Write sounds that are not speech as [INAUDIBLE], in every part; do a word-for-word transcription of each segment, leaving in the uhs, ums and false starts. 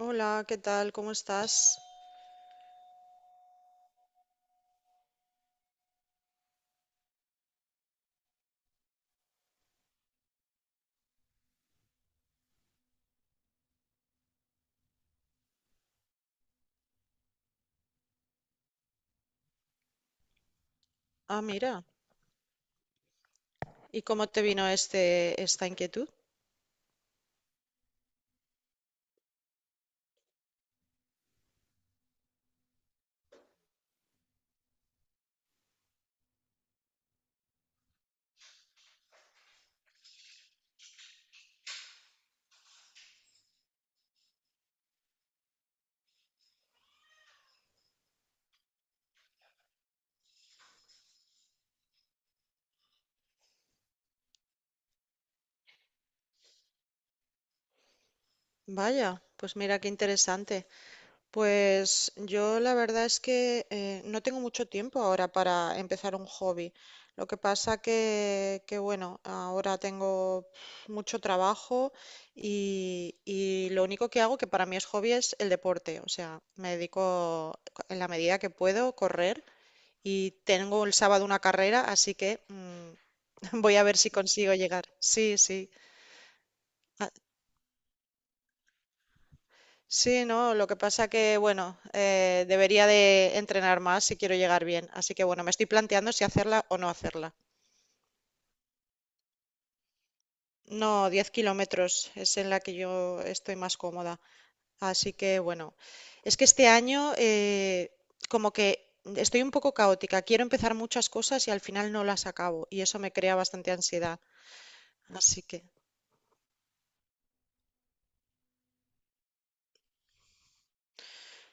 Hola, ¿qué tal? ¿Cómo estás? Ah, mira. ¿Y cómo te vino este, esta inquietud? Vaya, pues mira qué interesante. Pues yo la verdad es que eh, no tengo mucho tiempo ahora para empezar un hobby. Lo que pasa que, que bueno, ahora tengo mucho trabajo y, y lo único que hago, que para mí es hobby, es el deporte. O sea, me dedico en la medida que puedo correr y tengo el sábado una carrera, así que... mm, voy a ver si consigo llegar. Sí, sí. Ah, sí, no, lo que pasa que, bueno, eh, debería de entrenar más si quiero llegar bien. Así que, bueno, me estoy planteando si hacerla o no hacerla. No, diez kilómetros es en la que yo estoy más cómoda. Así que, bueno, es que este año eh, como que estoy un poco caótica. Quiero empezar muchas cosas y al final no las acabo. Y eso me crea bastante ansiedad. Así que...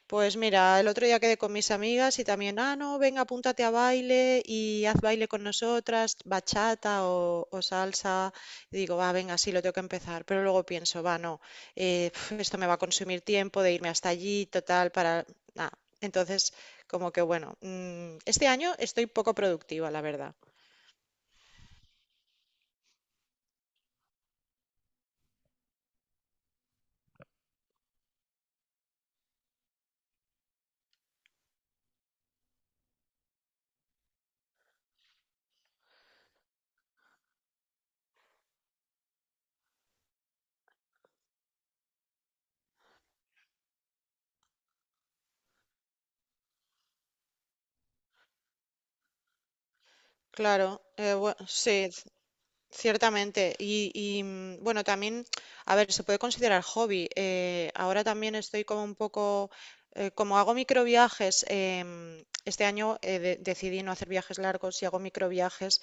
Pues mira, el otro día quedé con mis amigas y también, ah, no, venga, apúntate a baile y haz baile con nosotras, bachata o, o salsa. Y digo, va, venga, sí, lo tengo que empezar. Pero luego pienso, va, no, eh, pf, esto me va a consumir tiempo de irme hasta allí, total, para nada. Entonces, como que bueno, mm, este año estoy poco productiva, la verdad. Claro, eh, bue- sí, ciertamente. Y, y, mm, bueno, también, a ver, se puede considerar hobby. Eh, ahora también estoy como un poco, eh, como hago microviajes, em, este año eh, de- decidí no hacer viajes largos y hago microviajes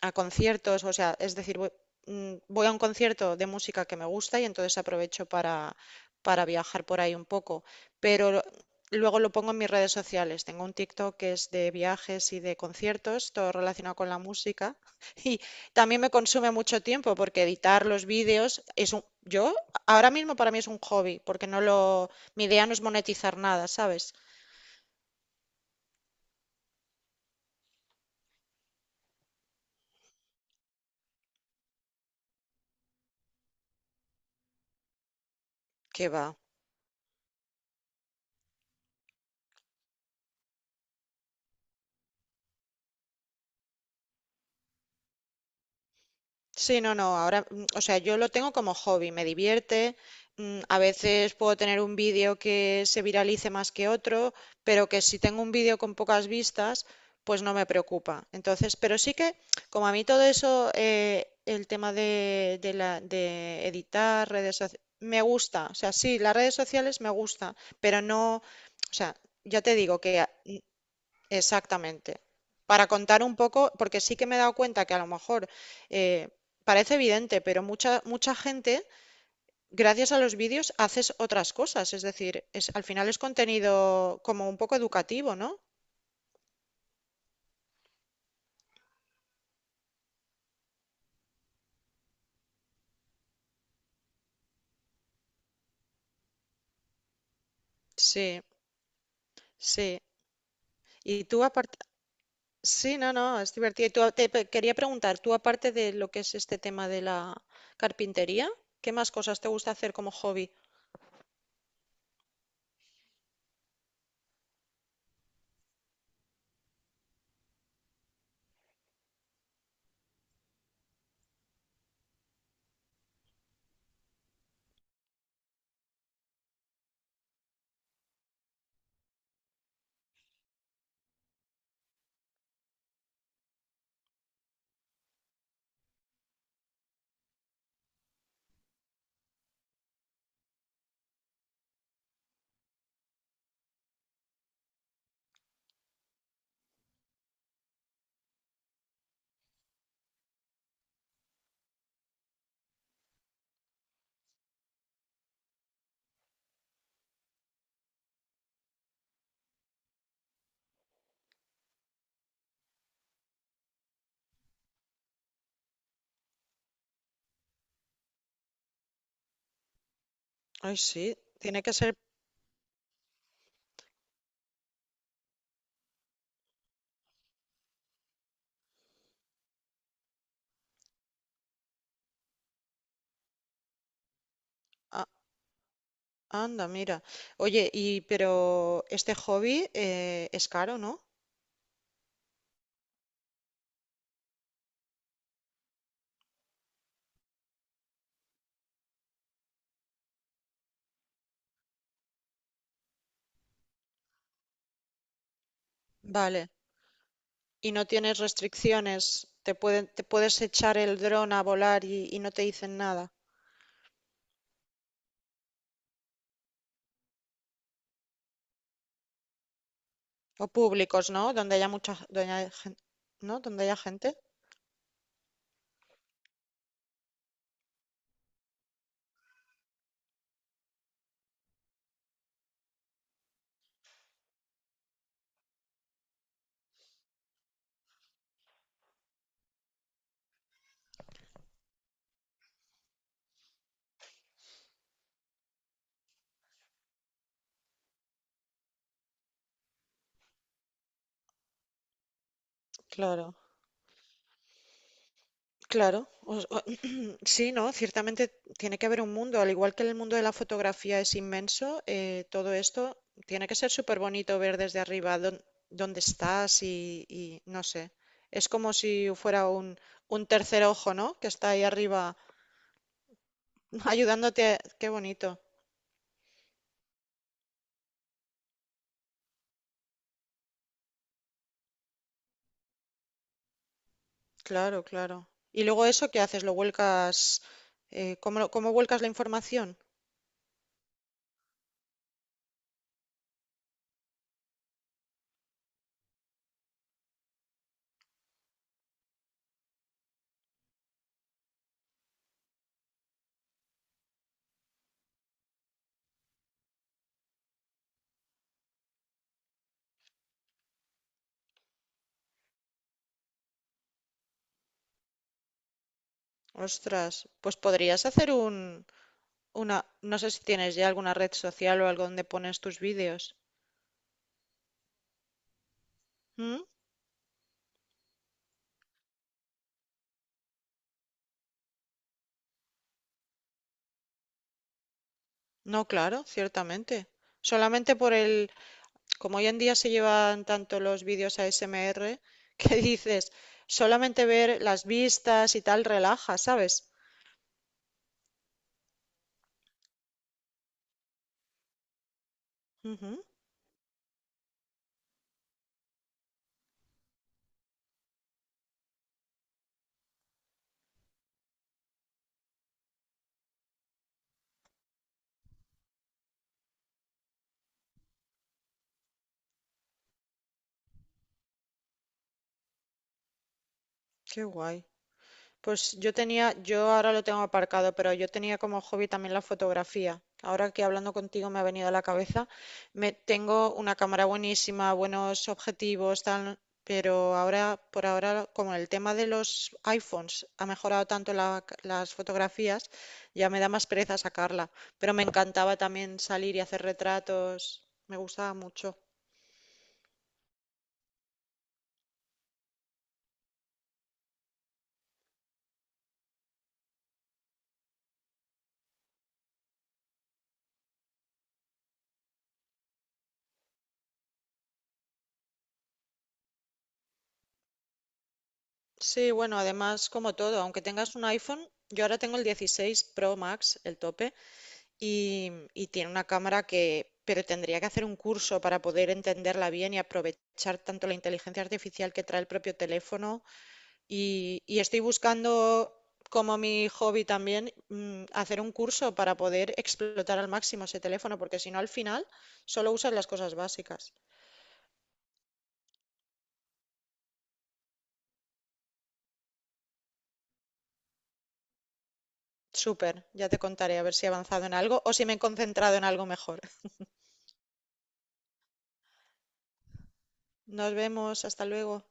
a conciertos, o sea, es decir, voy, mm, voy a un concierto de música que me gusta y entonces aprovecho para, para viajar por ahí un poco, pero luego lo pongo en mis redes sociales. Tengo un TikTok que es de viajes y de conciertos, todo relacionado con la música [LAUGHS] y también me consume mucho tiempo porque editar los vídeos es un, yo ahora mismo para mí es un hobby, porque no lo, mi idea no es monetizar nada, ¿sabes? Que va. Sí, no, no, ahora, mm, o sea, yo lo tengo como hobby, me divierte, mm, a veces puedo tener un vídeo que se viralice más que otro, pero que si tengo un vídeo con pocas vistas, pues no me preocupa. Entonces, pero sí que, como a mí todo eso, eh, el tema de, de la, de editar redes sociales, me gusta, o sea, sí, las redes sociales me gusta, pero no, o sea, ya te digo que exactamente. Para contar un poco, porque sí que me he dado cuenta que a lo mejor eh, parece evidente, pero mucha, mucha gente, gracias a los vídeos, haces otras cosas. Es decir, es, al final es contenido como un poco educativo, ¿no? Sí, sí. Y tú aparte, sí, no, no, es divertido. Y tú, a- te pe- quería preguntar, tú aparte de lo que es este tema de la carpintería, ¿qué más cosas te gusta hacer como hobby? Ay, sí, tiene que ser. Anda, mira. Oye, y pero este hobby eh, es caro, ¿no? Vale. Y no tienes restricciones. Te pueden, te puedes echar el dron a volar y, y no te dicen nada. O públicos, ¿no? Donde haya mucha, donde haya gen- ¿no? Donde haya gente. Claro. Claro, os- o- [CLEARS THROAT] sí, ¿no? Ciertamente tiene que haber un mundo, al igual que el mundo de la fotografía es inmenso, eh, todo esto tiene que ser súper bonito ver desde arriba dón- dónde estás y, y no sé, es como si fuera un, un tercer ojo, ¿no? Que está ahí arriba [LAUGHS] ayudándote, qué bonito, claro, claro. Y luego eso, ¿qué haces? ¿Lo vuelcas? eh, ¿cómo, lo- cómo vuelcas la información? Ostras, pues podrías hacer un, una, no sé si tienes ya alguna red social o algo donde pones tus vídeos. ¿Mm? No, claro, ciertamente. Solamente por el, como hoy en día se llevan tanto los vídeos A S M R, [LAUGHS] que dices, solamente ver las vistas y tal relaja, ¿sabes? Ujú, qué guay. Pues yo tenía, yo ahora lo tengo aparcado, pero yo tenía como hobby también la fotografía. Ahora que hablando contigo me ha venido a la cabeza, me tengo una cámara buenísima, buenos objetivos, tal, pero ahora, por ahora, como el tema de los iPhones ha mejorado tanto la las fotografías, ya me da más pereza sacarla. Pero me encantaba también salir y hacer retratos, me gustaba mucho. Sí, bueno, además, como todo, aunque tengas un iPhone, yo ahora tengo el dieciséis Pro Max, el tope, y, y tiene una cámara que, pero tendría que hacer un curso para poder entenderla bien y aprovechar tanto la inteligencia artificial que trae el propio teléfono. Y, y estoy buscando, como mi hobby también, mm, hacer un curso para poder explotar al máximo ese teléfono, porque si no, al final solo usas las cosas básicas. Súper, ya te contaré a ver si he avanzado en algo o si me he concentrado en algo mejor. Nos vemos, hasta luego.